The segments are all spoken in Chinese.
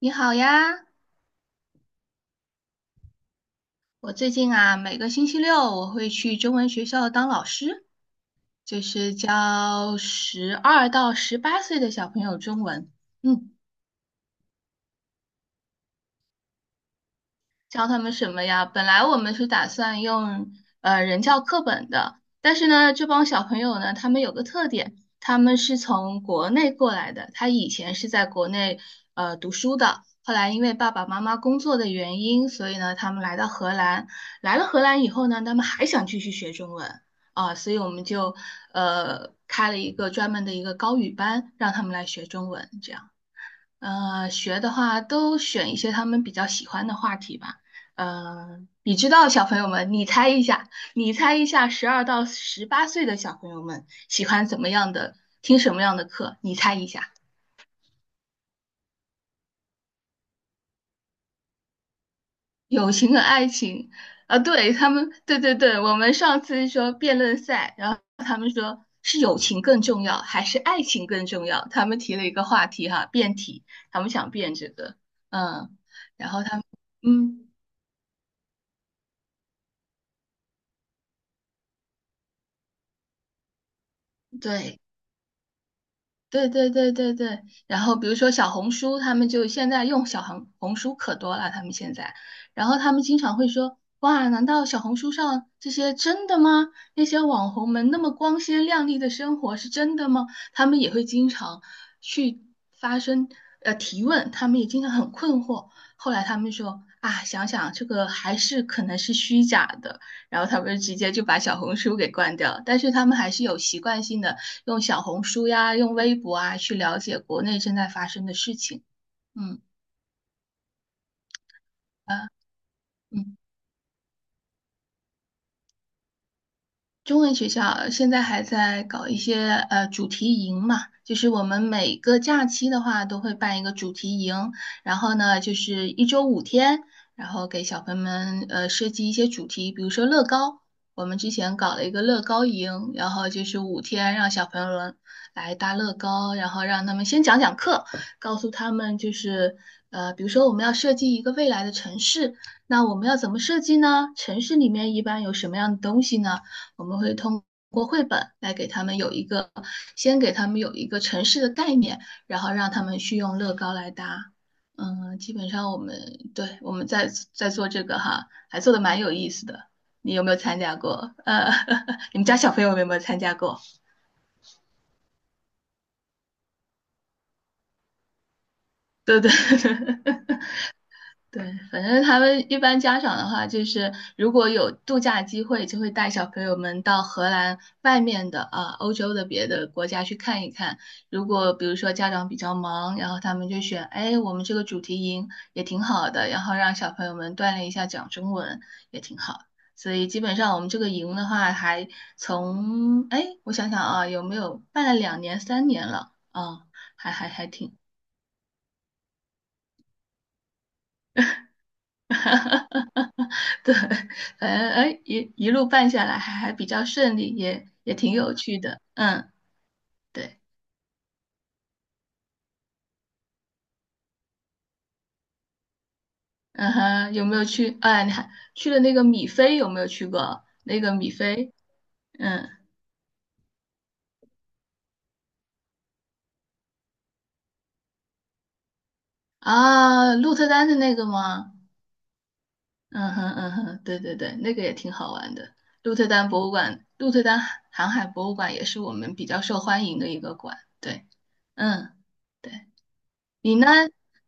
你好呀，我最近啊，每个星期六我会去中文学校当老师，就是教十二到十八岁的小朋友中文。嗯。教他们什么呀？本来我们是打算用人教课本的，但是呢，这帮小朋友呢，他们有个特点，他们是从国内过来的，他以前是在国内读书的，后来因为爸爸妈妈工作的原因，所以呢，他们来到荷兰，来了荷兰以后呢，他们还想继续学中文啊，所以我们就开了一个专门的一个高语班，让他们来学中文，这样。学的话都选一些他们比较喜欢的话题吧。你知道小朋友们，你猜一下，你猜一下，十二到十八岁的小朋友们喜欢怎么样的，听什么样的课？你猜一下，友情和爱情。啊，对，他们，对对对，我们上次说辩论赛，然后是友情更重要还是爱情更重要？他们提了一个话题哈，辩题，他们想辩这个，嗯，然后他们，嗯，对。对对对对对，然后比如说小红书，他们就现在用小红书可多了，他们现在，然后他们经常会说，哇，难道小红书上这些真的吗？那些网红们那么光鲜亮丽的生活是真的吗？他们也会经常去发生提问，他们也经常很困惑。后来他们说啊，想想这个还是可能是虚假的，然后他们直接就把小红书给关掉了但是他们还是有习惯性的。用小红书呀，用微博啊，去了解国内正在发生的事情。嗯，啊，嗯。中文学校现在还在搞一些主题营嘛，就是我们每个假期的话都会办一个主题营，然后呢就是一周五天，然后给小朋友们设计一些主题，比如说乐高，我们之前搞了一个乐高营，然后就是五天让小朋友们来搭乐高，然后让他们先讲讲课，告诉他们就是比如说我们要设计一个未来的城市，那我们要怎么设计呢？城市里面一般有什么样的东西呢？我们会通过绘本来给他们有一个，先给他们有一个城市的概念，然后让他们去用乐高来搭。嗯，基本上我们对我们在做这个哈，还做的蛮有意思的。你有没有参加过？你们家小朋友有没有参加过？对对。对，反正他们一般家长的话，就是如果有度假机会，就会带小朋友们到荷兰外面的啊，欧洲的别的国家去看一看。如果比如说家长比较忙，然后他们就选，哎，我们这个主题营也挺好的，然后让小朋友们锻炼一下讲中文也挺好。所以基本上我们这个营的话，还从，哎，我想想啊，有没有办了两年、三年了啊，还挺。哈哈哈！哈对，反正哎一路办下来还比较顺利，也挺有趣的。嗯，对，嗯哼，有没有去？哎，你还去了那个米菲，有没有去过那个米菲？嗯啊，鹿特丹的那个吗？嗯哼嗯哼，对对对，那个也挺好玩的。鹿特丹博物馆，鹿特丹航海博物馆也是我们比较受欢迎的一个馆。对，嗯，对，你呢？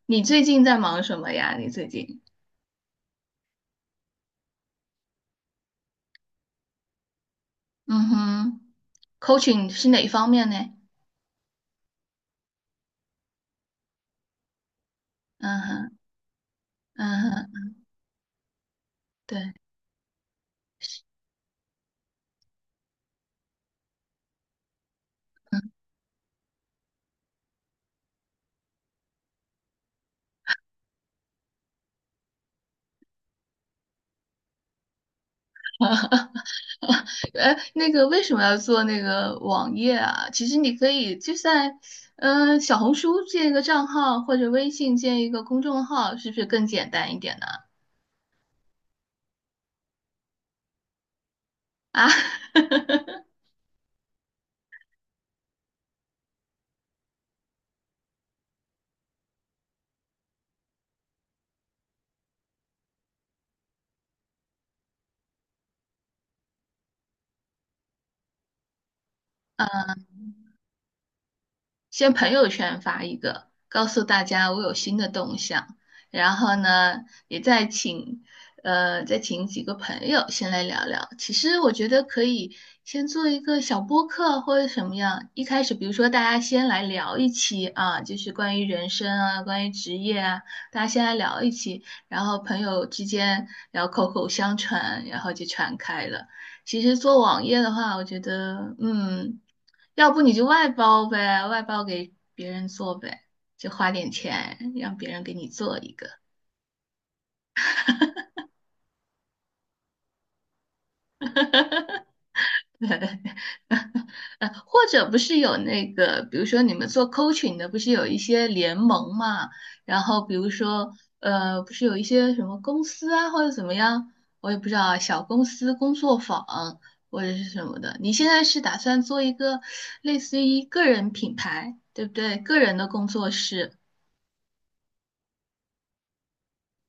你最近在忙什么呀？你最近？嗯哼，coaching 是哪一方面呢？嗯哼，嗯哼，对，哎，那个为什么要做那个网页啊？其实你可以就在，嗯、小红书建一个账号，或者微信建一个公众号，是不是更简单一点呢？啊，先朋友圈发一个，告诉大家我有新的动向，然后呢，也再请再请几个朋友先来聊聊。其实我觉得可以先做一个小播客或者什么样，一开始比如说大家先来聊一期啊，就是关于人生啊，关于职业啊，大家先来聊一期，然后朋友之间聊口口相传，然后就传开了。其实做网页的话，我觉得，嗯，要不你就外包呗，外包给别人做呗，就花点钱让别人给你做一个。呵或者不是有那个，比如说你们做 coaching 的，不是有一些联盟嘛？然后比如说，不是有一些什么公司啊，或者怎么样，我也不知道啊小公司工作坊或者是什么的。你现在是打算做一个类似于个人品牌，对不对？个人的工作室，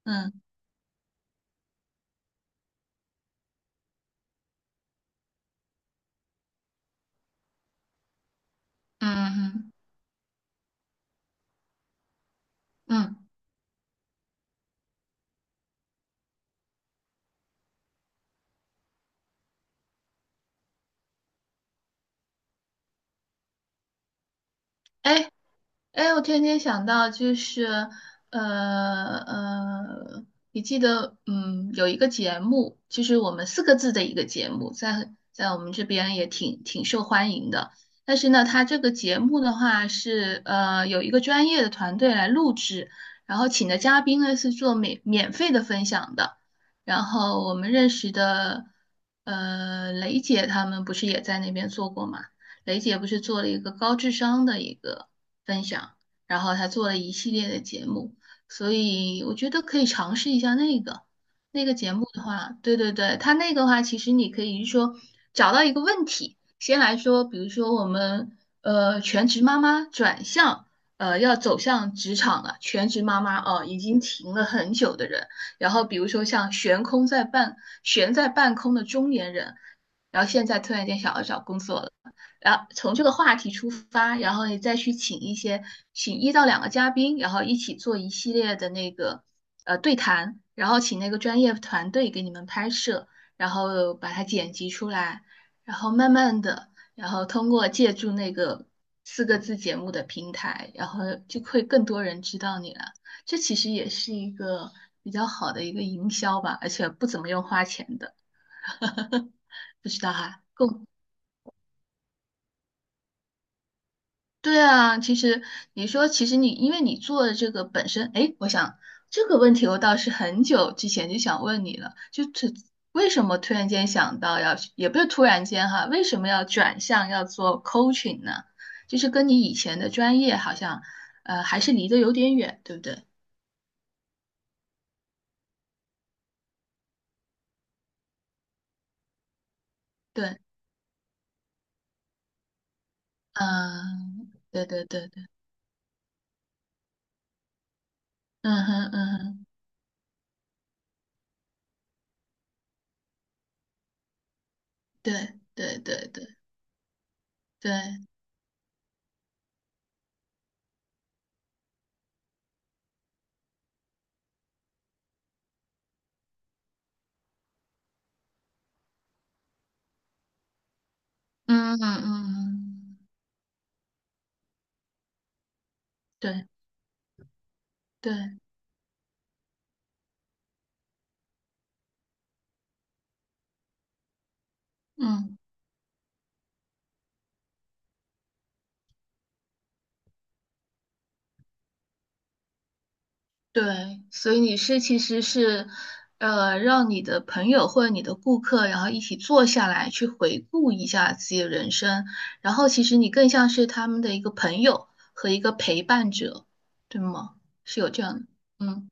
嗯嗯嗯嗯，哎，哎，我天天想到，就是，呃呃，你记得，嗯，有一个节目，就是我们四个字的一个节目，在我们这边也挺挺受欢迎的。但是呢，它这个节目的话是，有一个专业的团队来录制，然后请的嘉宾呢是做免费的分享的。然后我们认识的，雷姐他们不是也在那边做过吗？雷姐不是做了一个高智商的一个。分享，然后他做了一系列的节目，所以我觉得可以尝试一下那个那个节目的话，对对对，他那个话其实你可以是说找到一个问题，先来说，比如说我们全职妈妈转向要走向职场了，全职妈妈哦、已经停了很久的人，然后比如说像悬空在半悬在半空的中年人，然后现在突然间想要找工作了。然后从这个话题出发，然后你再去请一些，请一到两个嘉宾，然后一起做一系列的那个对谈，然后请那个专业团队给你们拍摄，然后把它剪辑出来，然后慢慢的，然后通过借助那个四个字节目的平台，然后就会更多人知道你了。这其实也是一个比较好的一个营销吧，而且不怎么用花钱的，不知道哈、对啊，其实你说，其实你因为你做的这个本身，哎，我想这个问题我倒是很久之前就想问你了，就这为什么突然间想到要，也不是突然间哈，为什么要转向要做 coaching 呢？就是跟你以前的专业好像，还是离得有点远，对不对？对，嗯，对对对对，嗯哼嗯哼，对对对对对，嗯嗯嗯，嗯对对，嗯。对，所以你是其实是，让你的朋友或者你的顾客，然后一起坐下来去回顾一下自己的人生，然后其实你更像是他们的一个朋友和一个陪伴者，对吗？是有这样的，嗯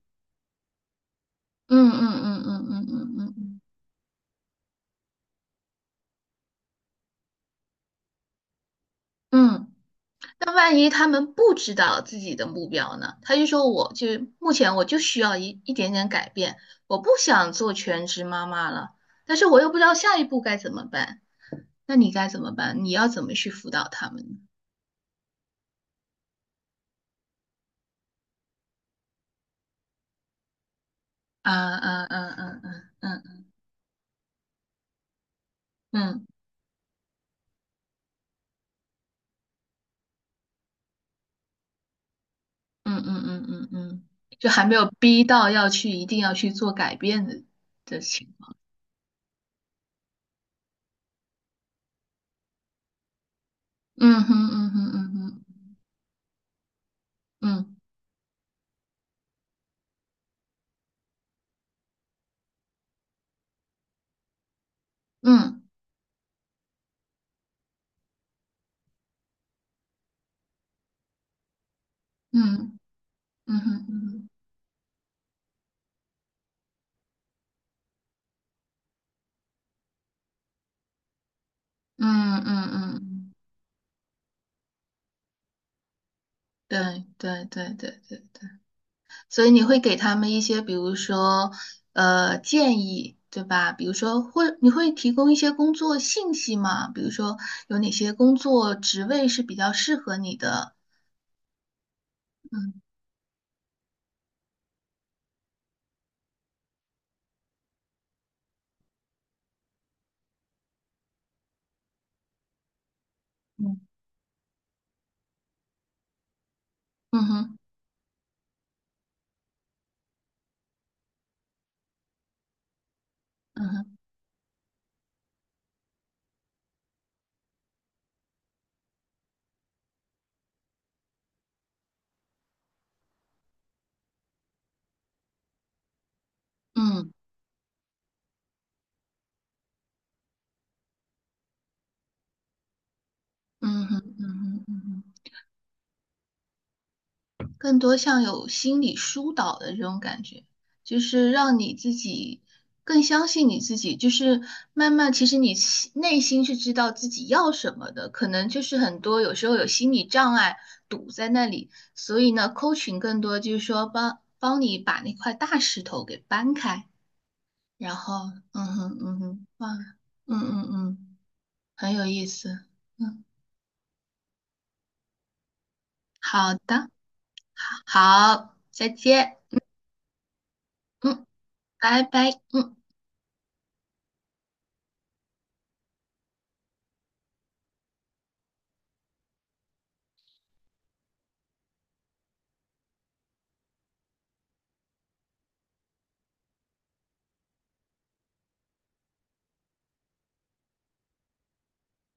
嗯嗯嗯嗯嗯嗯嗯嗯。嗯那万一他们不知道自己的目标呢？他就说，我就目前我就需要一点点改变，我不想做全职妈妈了，但是我又不知道下一步该怎么办。那你该怎么办？你要怎么去辅导他们呢？啊啊啊啊啊嗯嗯嗯嗯嗯嗯嗯，就还没有逼到要去一定要去做改变的的情况。嗯哼嗯哼嗯哼嗯嗯嗯嗯哼嗯哼嗯嗯嗯，嗯对对对对对。对所以你会给他们一些，比如说，建议，对吧？比如说，或你会提供一些工作信息吗？比如说，有哪些工作职位是比较适合你的？嗯嗯嗯哼嗯哼嗯嗯哼嗯哼嗯哼嗯哼。更多像有心理疏导的这种感觉，就是让你自己更相信你自己，就是慢慢其实你心内心是知道自己要什么的，可能就是很多有时候有心理障碍堵在那里，所以呢扣群更多就是说帮你把那块大石头给搬开，然后嗯哼嗯哼，哇，嗯嗯嗯，很有意思，嗯，好的，好，好再见，嗯，拜拜，嗯。